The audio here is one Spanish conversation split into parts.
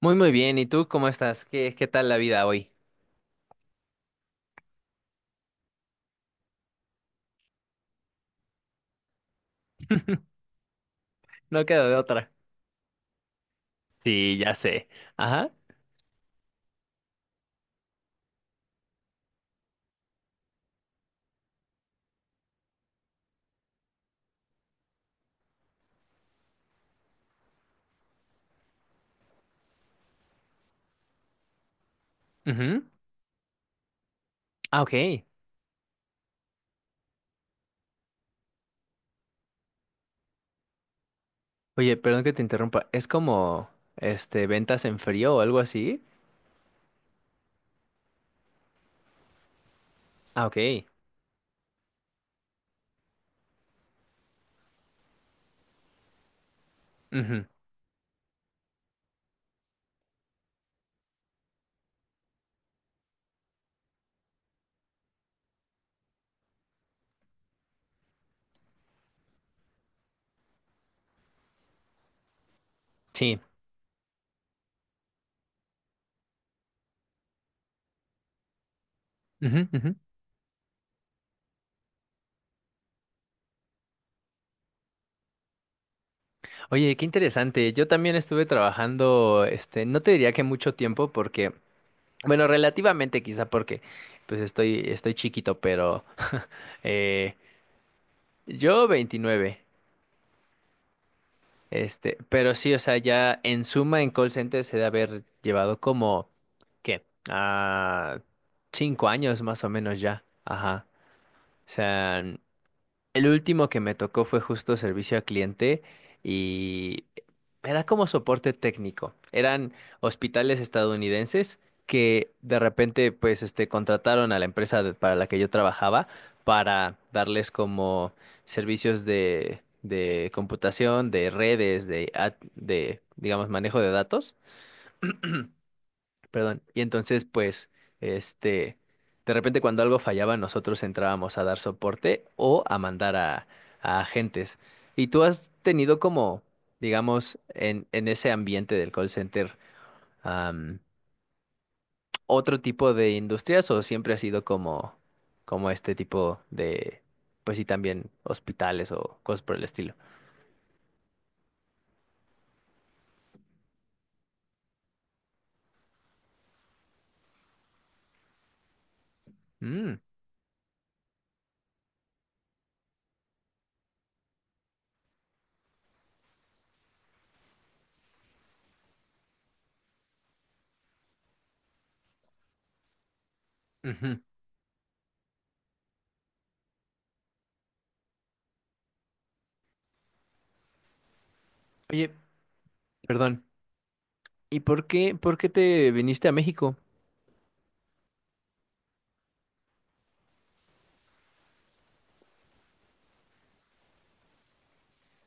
Muy, muy bien. ¿Y tú cómo estás? ¿Qué tal la vida hoy? No queda de otra. Sí, ya sé. Ajá. Ujú. Ah, ok. Oye, perdón que te interrumpa. ¿Es como, este, ventas en frío o algo así? Ah, ok. Ujú. Sí. Ujú, ujú. Oye, qué interesante. Yo también estuve trabajando, este, no te diría que mucho tiempo porque, bueno, relativamente quizá porque, pues estoy chiquito, pero, eh, yo 29. Este, pero sí, o sea, ya en suma en call center se debe haber llevado como, ¿qué? Ah, 5 años más o menos ya. Ajá. O sea, el último que me tocó fue justo servicio al cliente y era como soporte técnico. Eran hospitales estadounidenses que de repente pues este contrataron a la empresa de- para la que yo trabajaba para darles como servicios de computación, de redes, de digamos manejo de datos, perdón. Y entonces, pues, este, de repente cuando algo fallaba, nosotros entrábamos a dar soporte o a mandar a agentes. ¿Y tú has tenido como, digamos, en ese ambiente del call center, am, otro tipo de industrias o siempre ha sido como, como este tipo de, pues sí, también hospitales o cosas por el estilo? Mm, ujú. Oye, perdón. ¿Y por qué te viniste a México?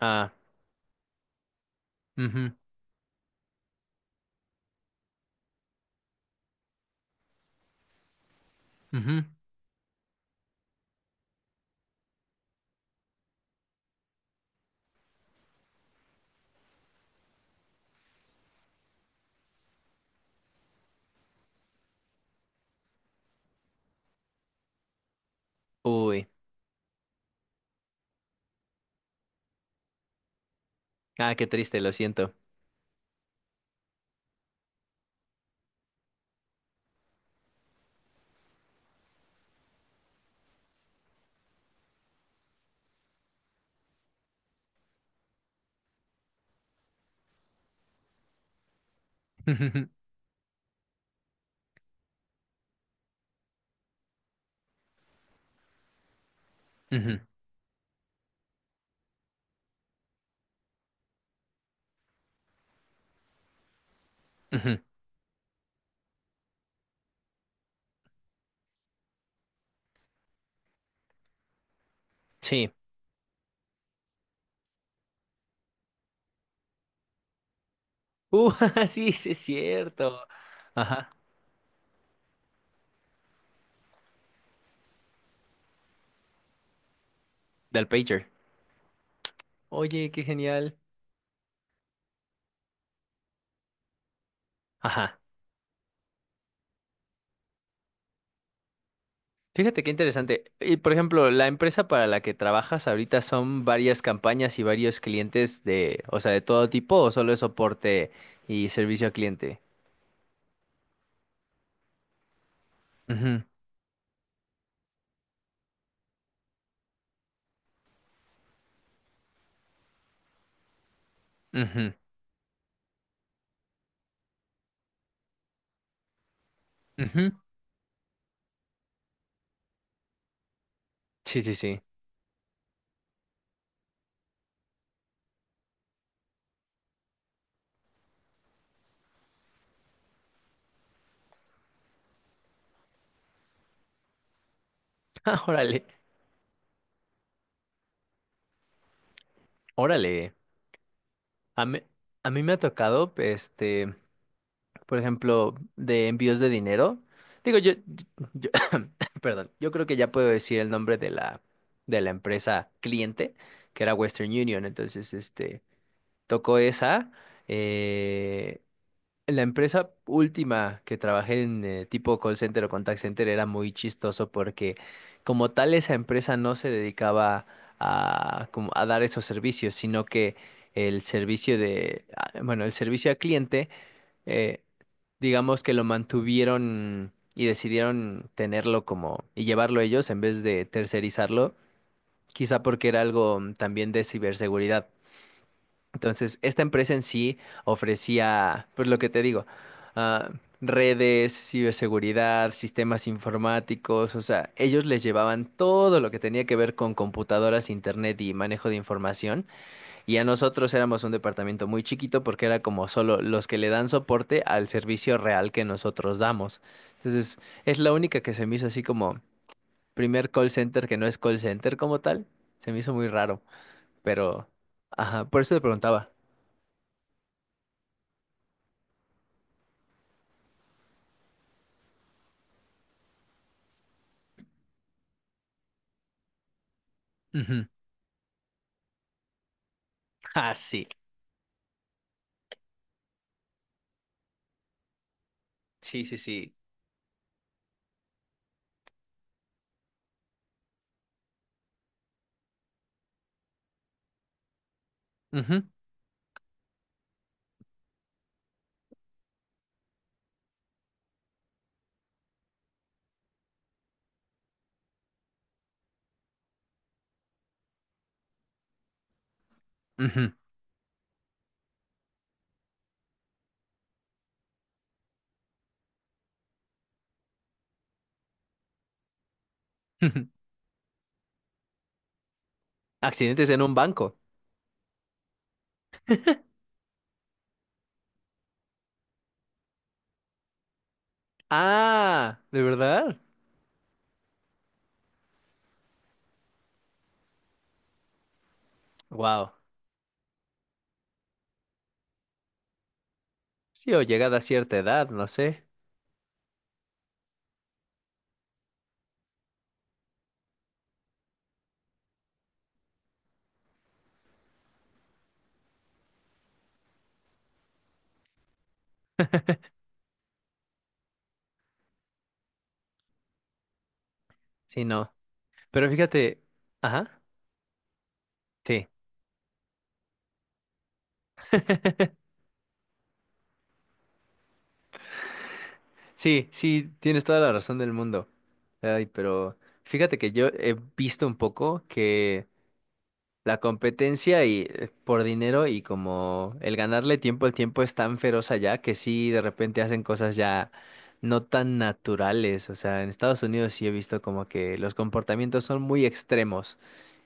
Ah, mhm. Uy, qué triste, lo siento. Ujú, ujú, ujú. Sí. Uh, sí, sí es cierto. Ajá, del pager. Oye, qué genial. Ajá. Fíjate qué interesante. Y por ejemplo, la empresa para la que trabajas ahorita son varias campañas y varios clientes de, o sea, de todo tipo, o solo es soporte y servicio al cliente. Ujú, ujú, ujú. Sí, sí, sí. Ah, órale, órale. A mí, a mí me ha tocado, este. Por ejemplo, de envíos de dinero. Digo, yo- perdón, yo creo que ya puedo decir el nombre de la, empresa cliente, que era Western Union. Entonces, este, tocó esa. eh, la empresa última que trabajé en, tipo call center o contact center era muy chistoso porque como tal esa empresa no se dedicaba a, como a dar esos servicios, sino que el servicio de, ah, bueno, el servicio al cliente, eh, digamos que lo mantuvieron y decidieron tenerlo como y llevarlo ellos en vez de tercerizarlo, quizá porque era algo también de ciberseguridad. Entonces, esta empresa en sí ofrecía, pues lo que te digo, ah, redes, ciberseguridad, sistemas informáticos, o sea, ellos les llevaban todo lo que tenía que ver con computadoras, internet y manejo de información. Y a nosotros éramos un departamento muy chiquito porque era como solo los que le dan soporte al servicio real que nosotros damos. Entonces, es la única que se me hizo así como primer call center que no es call center como tal. Se me hizo muy raro, pero... Ajá, por eso te preguntaba. Ujú. Ah, sí. Sí, sí, sí. Ujú, ujú, ujú. Accidentes en un banco. Ah, ¿de verdad? Wow. Sí, o llegada a cierta edad, no sé. Sí, no. Pero fíjate, ajá, sí. Sí, sí, tienes toda la razón del mundo. Ay, pero fíjate que yo he visto un poco que la competencia y por dinero y como el ganarle tiempo al tiempo es tan feroz allá que sí de repente hacen cosas ya no tan naturales. O sea, en Estados Unidos sí he visto como que los comportamientos son muy extremos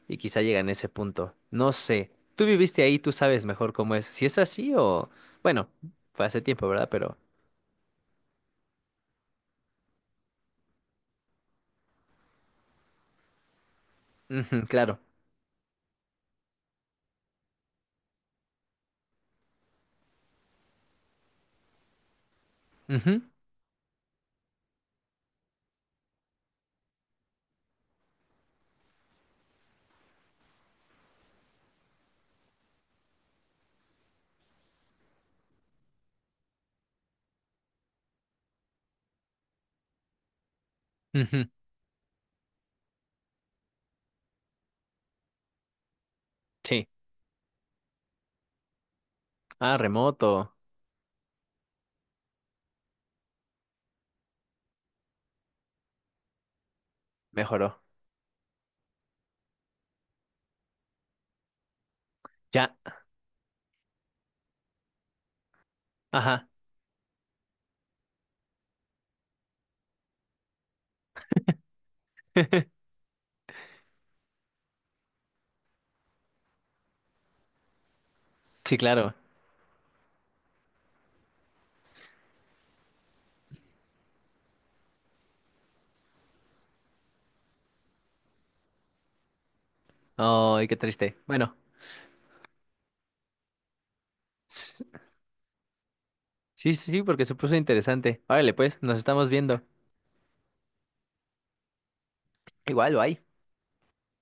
y quizá llegan a ese punto. No sé. Tú viviste ahí, tú sabes mejor cómo es. Si es así o bueno, fue hace tiempo, ¿verdad? Pero ujú, claro. Ujú, ujú. Sí. Ah, remoto. Mejoró. Ya. Ajá. Sí, claro. Ay, qué triste. Bueno. Sí, sí, sí, porque se puso interesante. Órale, pues, nos estamos viendo. Igual, bye.